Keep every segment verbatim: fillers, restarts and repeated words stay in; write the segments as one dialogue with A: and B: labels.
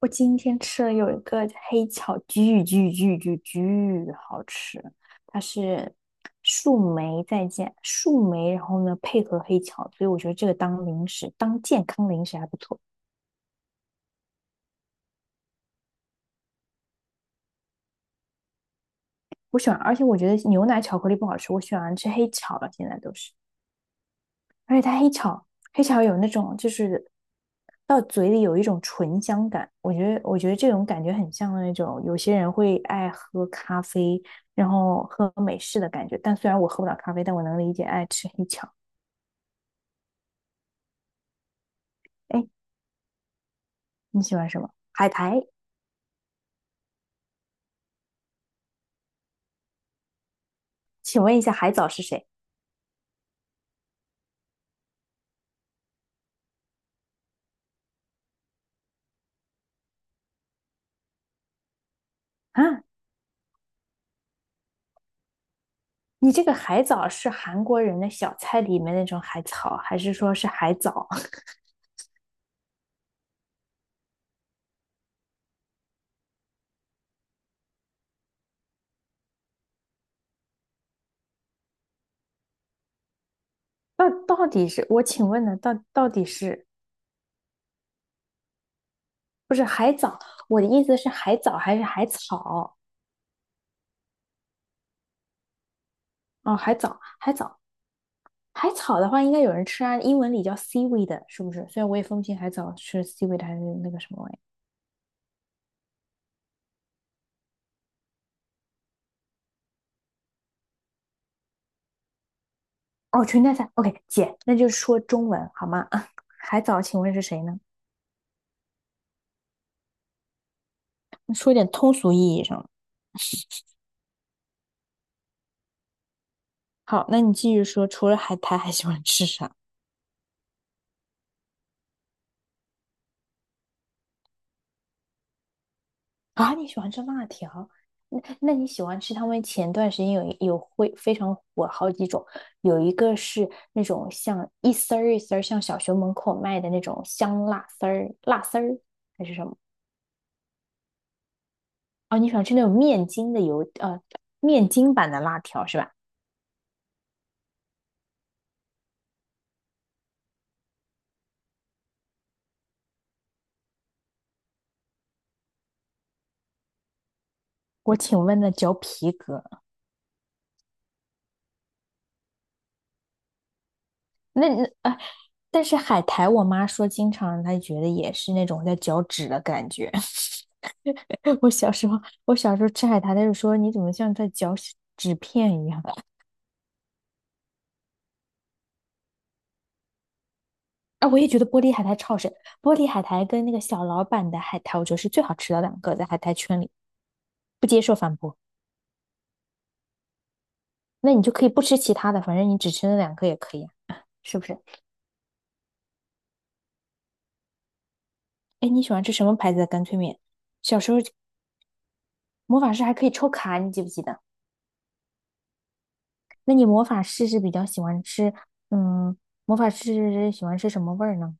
A: 我今天吃了有一个黑巧，巨巨巨巨巨好吃，它是树莓再加树莓，然后呢配合黑巧，所以我觉得这个当零食，当健康零食还不错。我喜欢，而且我觉得牛奶巧克力不好吃，我喜欢吃黑巧了，现在都是。而且它黑巧黑巧有那种就是到嘴里有一种醇香感，我觉得我觉得这种感觉很像那种有些人会爱喝咖啡，然后喝美式的感觉。但虽然我喝不了咖啡，但我能理解爱吃黑巧。哎，你喜欢什么？海苔？请问一下，海藻是谁啊？你这个海藻是韩国人的小菜里面那种海草，还是说是海藻？到到底是我请问呢？到到底是不是海藻？我的意思是海藻还是海草？哦，海藻，海藻，海草的话，应该有人吃啊。英文里叫 seaweed，是不是？虽然我也分不清海藻是 seaweed 还是那个什么玩意。哦，裙带菜。OK，姐，那就是说中文好吗？海藻，请问是谁呢？说点通俗意义上的。好，那你继续说，除了海苔还喜欢吃啥？啊，你喜欢吃辣条？那那你喜欢吃他们前段时间有一有会非常火好几种，有一个是那种像一丝儿一丝儿，像小学门口卖的那种香辣丝儿、辣丝儿还是什么？哦，你喜欢吃那种面筋的油呃面筋版的辣条是吧？我请问那嚼皮革那那啊，但是海苔，我妈说经常她觉得也是那种在嚼纸的感觉。我小时候，我小时候吃海苔，她就说你怎么像在嚼纸片一样？啊，我也觉得玻璃海苔超好吃，玻璃海苔跟那个小老板的海苔，我觉得是最好吃的两个，在海苔圈里不接受反驳。那你就可以不吃其他的，反正你只吃那两个也可以啊，是不是？哎，你喜欢吃什么牌子的干脆面？小时候魔法师还可以抽卡，你记不记得？那你魔法师是比较喜欢吃，嗯，魔法师喜欢吃什么味儿呢？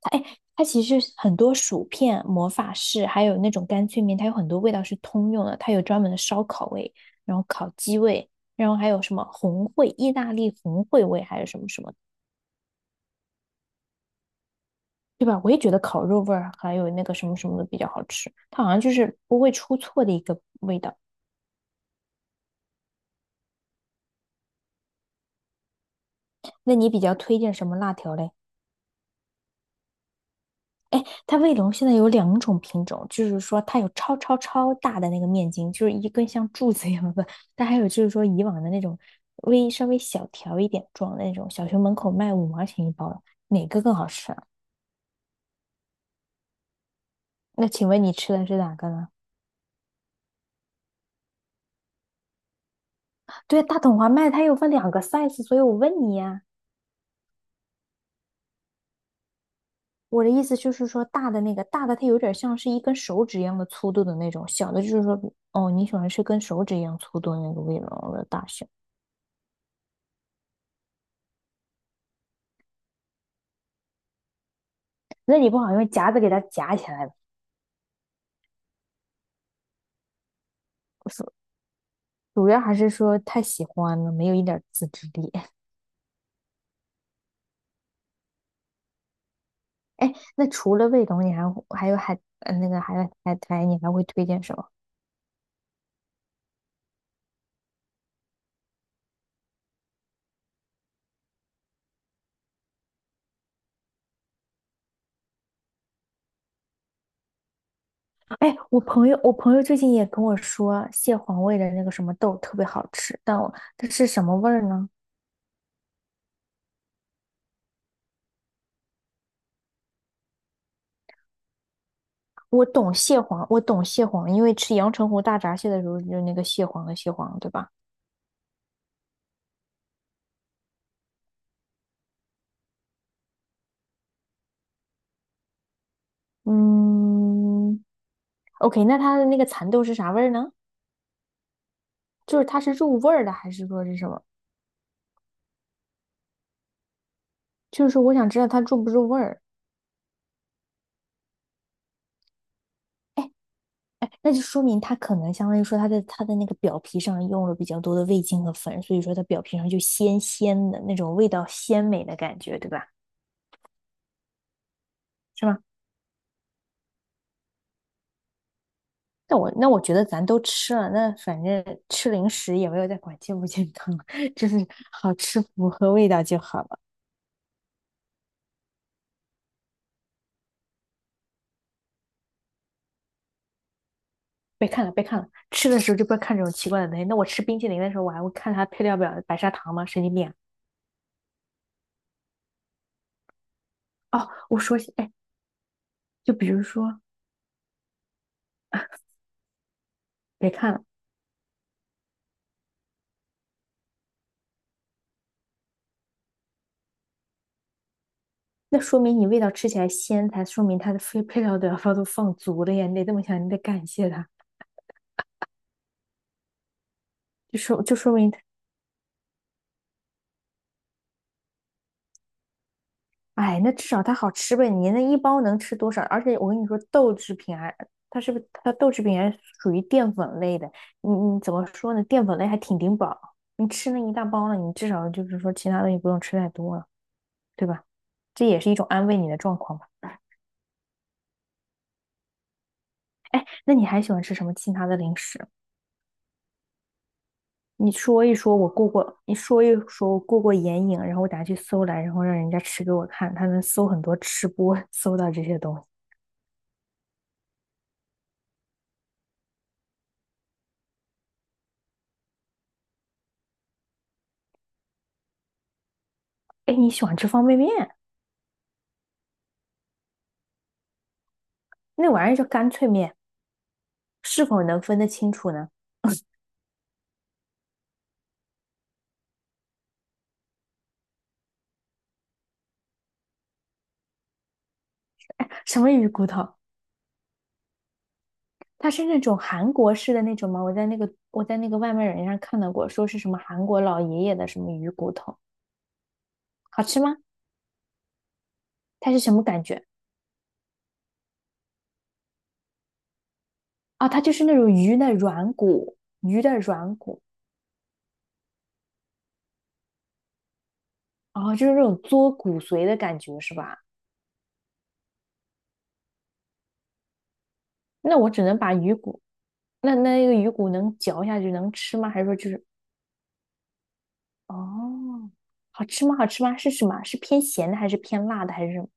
A: 它哎，它其实很多薯片、魔法士，还有那种干脆面，它有很多味道是通用的。它有专门的烧烤味，然后烤鸡味，然后还有什么红烩、意大利红烩味，还有什么什么的，对吧？我也觉得烤肉味儿还有那个什么什么的比较好吃，它好像就是不会出错的一个味道。那你比较推荐什么辣条嘞？它卫龙现在有两种品种，就是说它有超超超大的那个面筋，就是一根像柱子一样的，但还有就是说以往的那种微稍微小条一点状的那种，小学门口卖五毛钱一包的，哪个更好吃啊？那请问你吃的是哪个呢？对，大桶华卖它有分两个 size，所以我问你呀、我的意思就是说，大的那个大的它有点像是一根手指一样的粗度的那种，小的就是说，哦，你喜欢吃跟手指一样粗度的那个卫龙的大小，那你不好用夹子给它夹起来吧？主要还是说太喜欢了，没有一点自制力。哎，那除了味龙，你还会还有海呃那个还有海苔，你还会推荐什么？哎，我朋友我朋友最近也跟我说蟹黄味的那个什么豆特别好吃，但我它是什么味儿呢？我懂蟹黄，我懂蟹黄，因为吃阳澄湖大闸蟹的时候就那个蟹黄的蟹黄，对吧？嗯，OK，那它的那个蚕豆是啥味儿呢？就是它是入味儿的，还是说是什么？就是我想知道它入不入味儿。那就说明它可能相当于说它的它的那个表皮上用了比较多的味精和粉，所以说它表皮上就鲜鲜的那种味道鲜美的感觉，对吧？是吗？那我那我觉得咱都吃了，那反正吃零食也没有在管健不健康，就是好吃符合味道就好了。别看了，别看了，吃的时候就不要看这种奇怪的东西。那我吃冰淇淋的时候，我还会看它配料表白砂糖吗？神经病啊！哦，我说起，哎，就比如说，别看了。那说明你味道吃起来鲜才，说明它的配配料都要都放足了呀。你得这么想，你得感谢它，就说就说明它，哎，那至少它好吃呗。你那一包能吃多少？而且我跟你说，豆制品还它是不是它豆制品还属于淀粉类的？你你怎么说呢？淀粉类还挺顶饱，你吃那一大包了，你至少就是说其他东西不用吃太多了，对吧？这也是一种安慰你的状况吧。哎，那你还喜欢吃什么其他的零食啊？你说一说我过过，你说一说我过过眼瘾，然后我打去搜来，然后让人家吃给我看，他能搜很多吃播，搜到这些东西。哎，你喜欢吃方便面？那玩意儿叫干脆面，是否能分得清楚呢？哎，什么鱼骨头？它是那种韩国式的那种吗？我在那个我在那个外卖软件上看到过，说是什么韩国老爷爷的什么鱼骨头，好吃吗？它是什么感觉？啊，它就是那种鱼的软骨，鱼的软骨，哦，就是那种嘬骨髓的感觉，是吧？那我只能把鱼骨，那那个鱼骨能嚼下去能吃吗？还是说就是哦，好吃吗？好吃吗？是什么？是偏咸的还是偏辣的还是什么？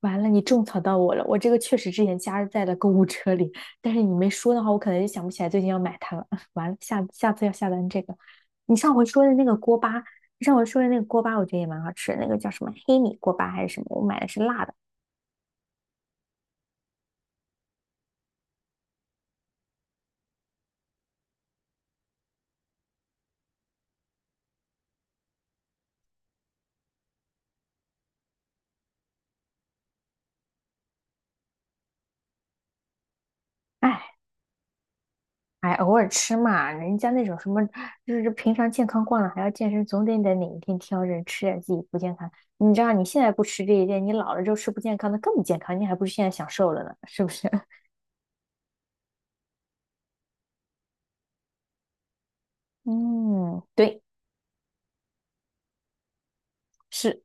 A: 完了，你种草到我了，我这个确实之前加在了购物车里，但是你没说的话，我可能就想不起来最近要买它了。完了，下下次要下单这个。你上回说的那个锅巴，你上回说的那个锅巴，我觉得也蛮好吃的，那个叫什么黑米锅巴还是什么？我买的是辣的。哎，哎，偶尔吃嘛，人家那种什么，就是平常健康惯了还要健身，总得得哪一天挑着吃点自己不健康。你知道你现在不吃这一点，你老了之后吃不健康的更不健康，你还不如现在享受了呢，是不是？嗯，对，是。